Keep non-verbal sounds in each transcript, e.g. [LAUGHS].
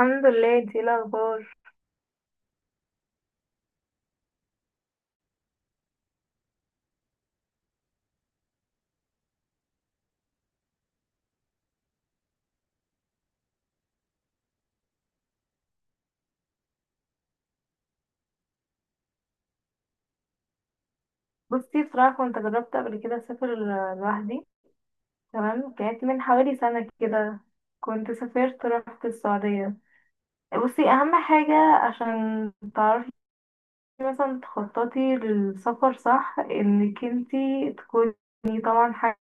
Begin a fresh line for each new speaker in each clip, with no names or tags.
الحمد لله. انتي ايه الاخبار؟ بصي، بصراحه كنت جربت قبل كده اسافر لوحدي. تمام، كانت من حوالي سنه كده. كنت سافرت، رحت السعوديه. بصي، اهم حاجه عشان تعرفي مثلا تخططي للسفر صح انك انتي تكوني طبعا حاجه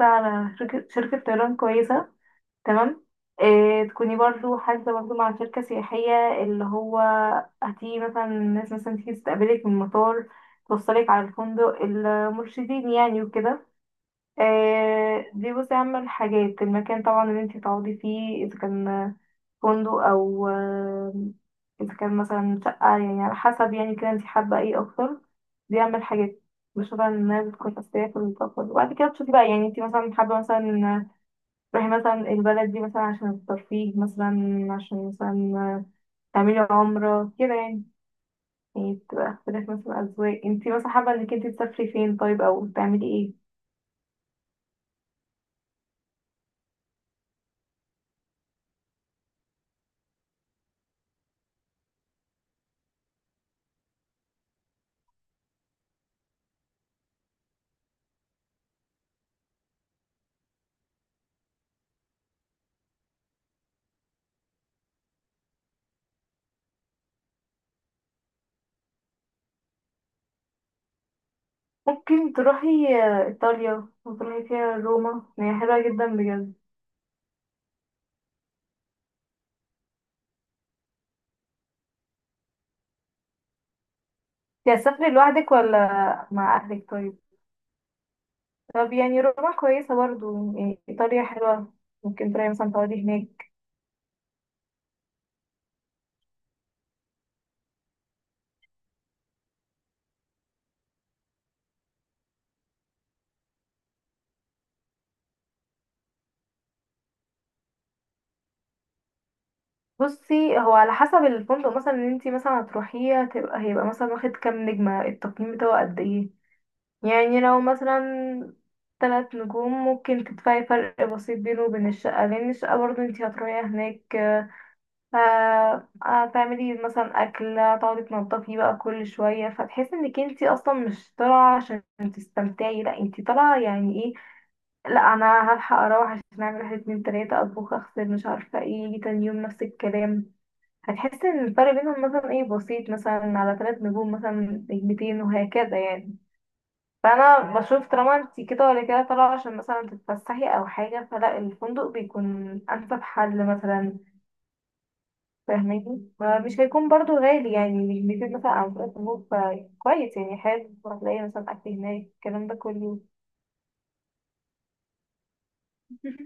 على شركة طيران كويسه. تمام. إيه، تكوني برضو حاسبة برضو مع شركة سياحية اللي هو هتيجي مثلا الناس مثلا تيجي تستقبلك من المطار، توصلك على الفندق، المرشدين يعني وكده. إيه، دي بصي أهم الحاجات، المكان طبعا اللي انتي تقعدي فيه، إذا كان فندق أو إذا كان مثلا شقة، يعني على حسب يعني كده انتي حابة ايه أكتر. دي أهم الحاجات بشوفها إنها بتكون أساسية في السفر، وبعد كده تشوفي بقى يعني انتي مثلا حابة مثلا تروحي مثلا البلد دي مثلا عشان الترفيه مثلا، عشان مثلا تعملي عمرة كده يعني. يعني بتبقى اختلاف مثلا أذواق، انتي مثلا حابة انك انتي تسافري فين، طيب او تعملي ايه؟ ممكن تروحي ايطاليا، وتروحي فيها روما، هي حلوة جدا بجد. انتي هتسافري لوحدك ولا مع اهلك؟ طيب. طب يعني روما كويسة برضو، يعني ايطاليا حلوة، ممكن تروحي مثلا تقعدي هناك. بصي، هو على حسب الفندق مثلا اللي انتي مثلا هتروحيه، هتبقى هيبقى مثلا واخد كام نجمة، التقييم بتاعه قد ايه. يعني لو مثلا 3 نجوم، ممكن تدفعي فرق بسيط بينه وبين الشقة، لأن الشقة برضه انتي هتروحي هناك هتعملي مثلا أكل، هتقعدي تنضفي بقى كل شوية، فتحسي انك انتي أصلا مش طالعة عشان تستمتعي. لأ، انتي طالعة يعني ايه؟ لأ، أنا هلحق أروح عشان أعمل واحد اتنين تلاتة، أطبخ أغسل مش عارفة ايه، يجي تاني يوم نفس الكلام. هتحسي ان الفرق بينهم مثلا ايه بسيط، مثلا على 3 نجوم مثلا، نجمتين وهكذا يعني. فانا بشوف طالما انت كده ولا كده طالعه عشان مثلا تتفسحي او حاجه، فلا، الفندق بيكون انسب حل مثلا، فاهماني؟ مش هيكون برضو غالي يعني، مش بيزيد مثلا عن فرق النوم، فكويس يعني، حلو، هتلاقي مثلا اكل هناك، الكلام ده كله. [LAUGHS]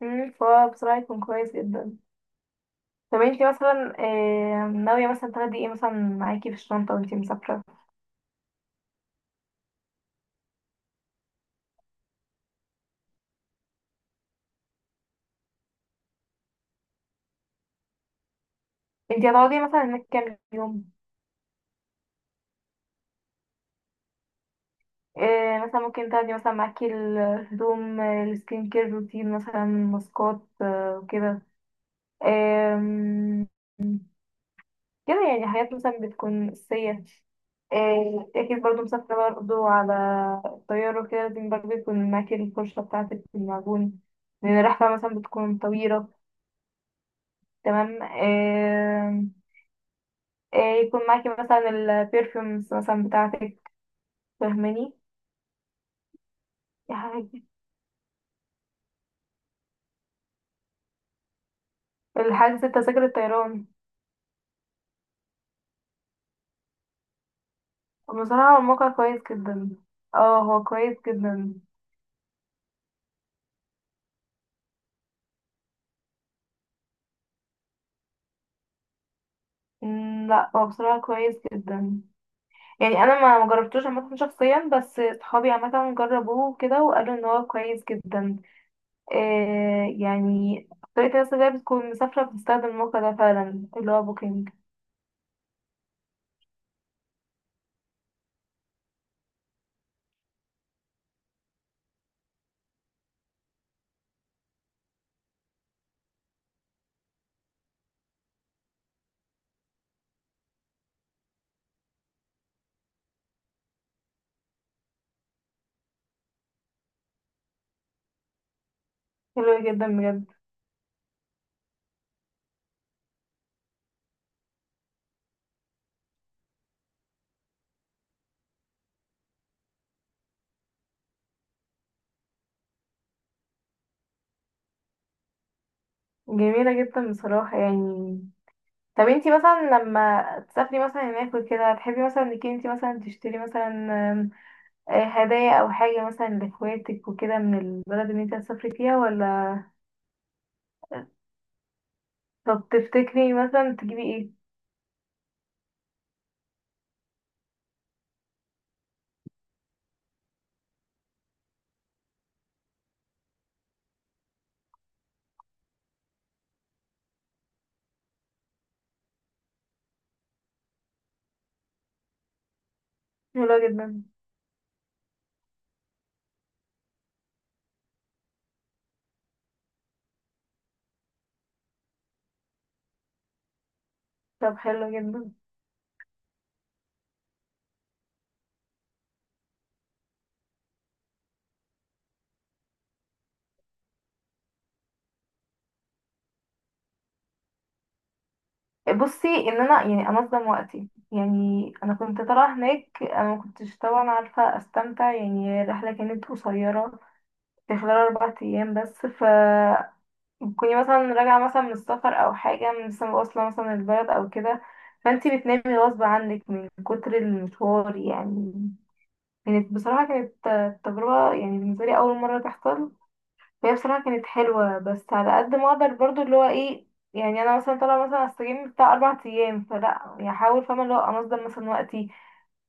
فبصراحه يكون كويس جدا. طب انت مثلا ناويه مثلا تاخدي ايه مثلا معاكي في الشنطه وانت مسافره؟ انت هتقعدي مثلا هناك كام يوم؟ إيه، مثلا ممكن تاخدي مثلا معاكي الهدوم السكين كير روتين مثلا، ماسكات وكده. آم، كده يعني، حاجات مثلا بتكون أساسية. أكيد برضو مسافرة برضو على الطيارة وكده، لازم برضو يكون معاكي الفرشة بتاعتك والمعجون، لأن الرحلة مثلا بتكون طويلة. تمام. آم، آه، يكون معاكي مثلا البرفيومز مثلا بتاعتك، فاهماني؟ الحاجة، التذاكر، الطيران. بصراحة هو الموقع كويس جدا. اه، هو كويس جدا. لا، هو بصراحة كويس جدا، يعني انا ما مجربتوش عامة شخصيا، بس صحابي عامة جربوه كده وقالوا ان هو كويس جدا. إيه يعني، طريقة الناس اللي هي بتكون مسافرة بتستخدم الموقع ده فعلا، اللي هو بوكينج. حلو جدا بجد. جميلة جدا بصراحة يعني. طب انتي مثلا لما تسافري مثلا هناك وكده، تحبي مثلا انك انتي مثلا تشتري مثلا هدايا او حاجة مثلا لاخواتك وكده، من البلد اللي انت هتسافري فيها ولا؟ طب تفتكري مثلا تجيبي ايه؟ حلو جدا. طب حلو جدا. بصي، ان انا يعني انظم وقتي، يعني انا كنت طالعه هناك انا ما كنتش طبعا عارفه استمتع، يعني الرحله كانت قصيره في خلال 4 ايام بس، كوني مثلا راجعه مثلا من السفر او حاجه لسه واصله مثلا البلد او كده، فانتي بتنامي غصب عنك من كتر المشوار يعني. كانت بصراحة، كانت تجربة يعني بالنسبة لي، أول مرة تحصل. فهي بصراحة كانت حلوة، بس على قد ما أقدر برضو اللي هو ايه، يعني أنا مثلا طالعة مثلا أستجم بتاع 4 أيام، فلا يعني أحاول، فاهمة اللي هو أنظم مثلا وقتي،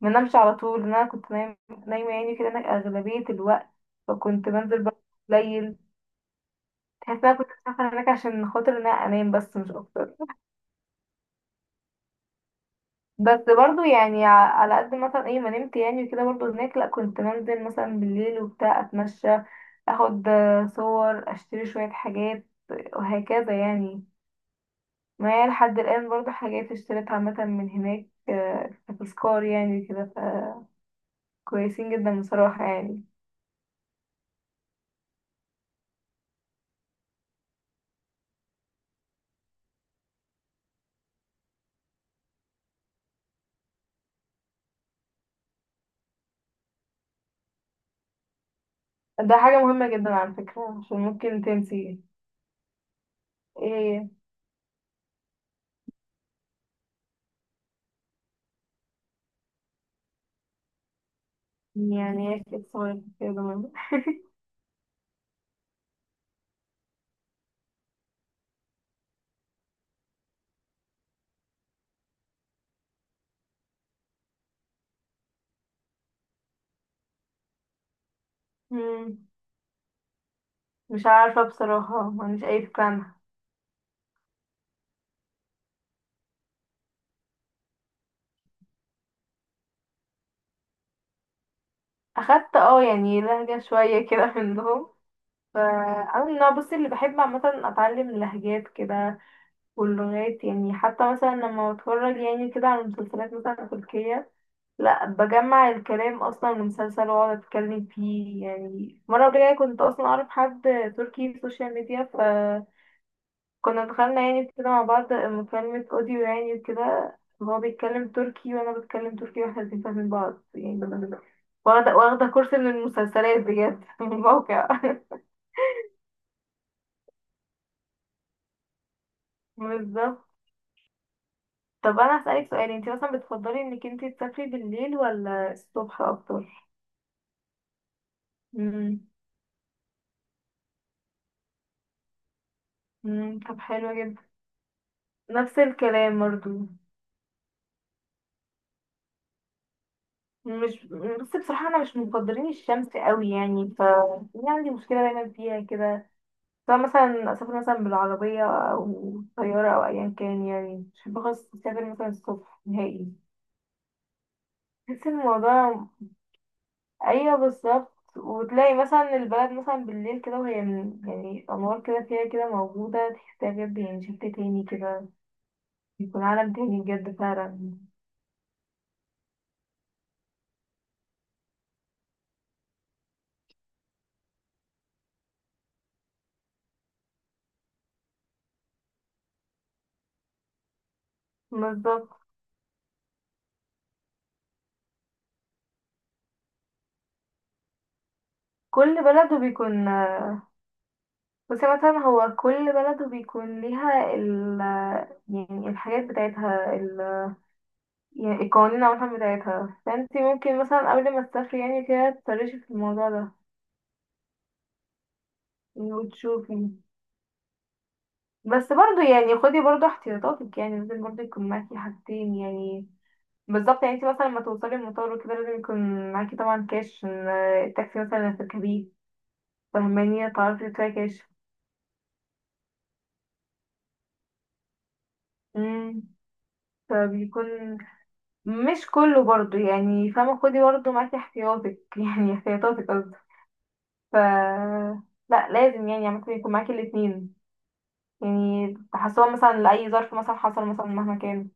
منامش على طول، لأن أنا كنت نايمة يعني كده هناك أغلبية الوقت. فكنت بنزل برضو قليل، تحس إن أنا كنت مسافرة هناك عشان خاطر إن أنا أنام بس مش أكتر. بس برضو يعني على قد مثلا ايه ما نمت يعني وكده برضو هناك، لا، كنت بنزل مثلا بالليل وبتاع اتمشى، اخد صور، اشتري شوية حاجات وهكذا يعني. معايا لحد الآن برضو حاجات اشتريتها مثلا من هناك كتذكار يعني كده، فكويسين جدا بصراحة يعني. ده حاجة مهمة جدا على فكرة، عشان ممكن تنسي. ايه؟ يعني ايه كده صغير كده؟ [LAUGHS] مهم. مم، مش عارفة بصراحة، ما عنديش أي فكرة عنها. اخدت يعني لهجة شوية كده منهم، فانا من النوع بصي اللي بحب عامة اتعلم لهجات كده واللغات، يعني حتى مثلا لما بتفرج يعني كده على مسلسلات مثلا تركية، لا، بجمع الكلام اصلا من مسلسل واقعد اتكلم فيه، يعني مرة قبل كده كنت اصلا اعرف حد تركي في السوشيال ميديا، كنا دخلنا يعني كده مع بعض مكالمة اوديو يعني وكده، وهو بيتكلم تركي وانا بتكلم تركي واحنا الاتنين فاهمين بعض يعني. واخدة واخدة كورس من المسلسلات بجد [LAUGHS] من الموقع. [LAUGHS] بالظبط. طب انا هسألك سؤال، انت مثلا بتفضلي انك انت تسافري بالليل ولا الصبح اكتر؟ امم. طب حلو جدا. نفس الكلام برضو، مش بس بصراحة انا مش مفضلين الشمس قوي يعني، يعني عندي مشكلة دايما فيها كده، سواء مثلا أسافر مثلا بالعربية أو طيارة أو أيا كان، يعني مش بحب خالص أسافر مثلا الصبح نهائي. بحس إن الموضوع، أيوه بالظبط، وتلاقي مثلا البلد مثلا بالليل كده، وهي يعني أنوار كده فيها كده موجودة، تحسها بجد يعني شكل تاني كده، بيكون عالم تاني بجد فعلا. بالظبط، كل بلد وبيكون، بس مثلا هو كل بلد وبيكون ليها يعني الحاجات بتاعتها، يعني القوانين عامة بتاعتها، فانت ممكن مثلا قبل ما تسافري يعني كده تسرشي في الموضوع ده، يعني وتشوفي. بس برضو يعني خدي برضو احتياطاتك، يعني لازم برضو يكون معاكي حاجتين يعني. بالظبط، يعني انت مثلا لما توصلي المطار وكده، لازم يكون معاكي طبعا كاش عشان، التاكسي مثلا اللي هتركبيه، فاهماني، تعرفي تدفعي كاش. امم. فبيكون مش كله برضو يعني، فاهمة، خدي برضو معاكي احتياطك [LAUGHS] يعني احتياطاتك قصدي. ف لا لازم يعني عامة يكون معاكي الاتنين، يعني تحسوها مثلا لأي ظرف مثلا حصل مثلا مهما كان.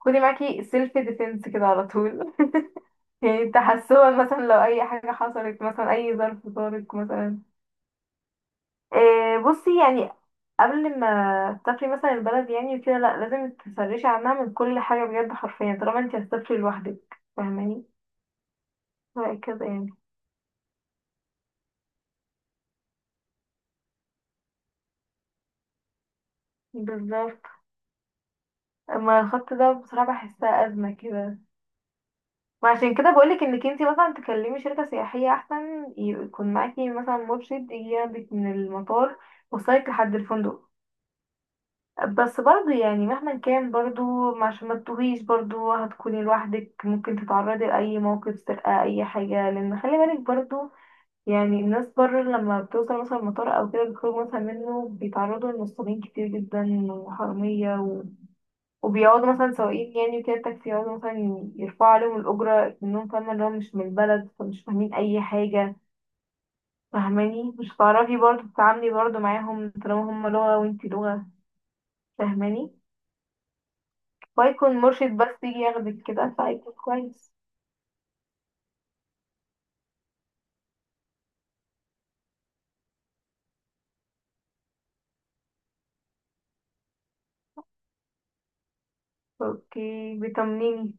خدي معاكي سيلف ديفense كده على طول. [LAUGHS] يعني تحسوها مثلا لو أي حاجة حصلت مثلا أي ظرف طارق مثلا. إيه بصي يعني، قبل ما تسافري مثلا البلد يعني وكده، لأ، لازم تسرشي عنها من كل حاجة بجد حرفيا، طالما انتي هتسافري لوحدك، فاهماني؟ وهكذا يعني. بالظبط. اما الخط ده بصراحة بحسها أزمة كده، ما عشان كده بقولك انك انتي مثلا تكلمي شركة سياحية، احسن يكون معاكي مثلا مرشد يجي ياخدك من المطار، وصلك لحد الفندق. بس برضو يعني مهما كان برضو، عشان ما تتوهيش، برضو هتكوني لوحدك، ممكن تتعرضي لأي موقف سرقة، أي حاجة، لأن خلي بالك برضو. يعني الناس بره لما بتوصل مثلا المطار أو كده بيخرجوا مثلا منه، بيتعرضوا لنصابين كتير جدا وحرامية، وبيقعدوا مثلا سواقين يعني وكده التاكسي، يقعدوا مثلا يرفعوا عليهم الأجرة، إنهم فاهمة اللي هو مش من البلد فمش فاهمين أي حاجة، فاهماني؟ مش هتعرفي برضه تتعاملي برضه معاهم طالما هما لغة وانتي لغة، فاهماني؟ فيكون مرشد بس يجي ياخدك كده، فهيكون كويس. اوكي، بيطمنيني.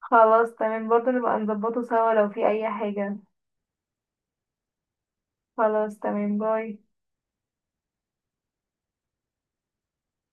خلاص تمام، برضه نبقى نظبطه سوا لو في أي حاجة. خلاص تمام، باي.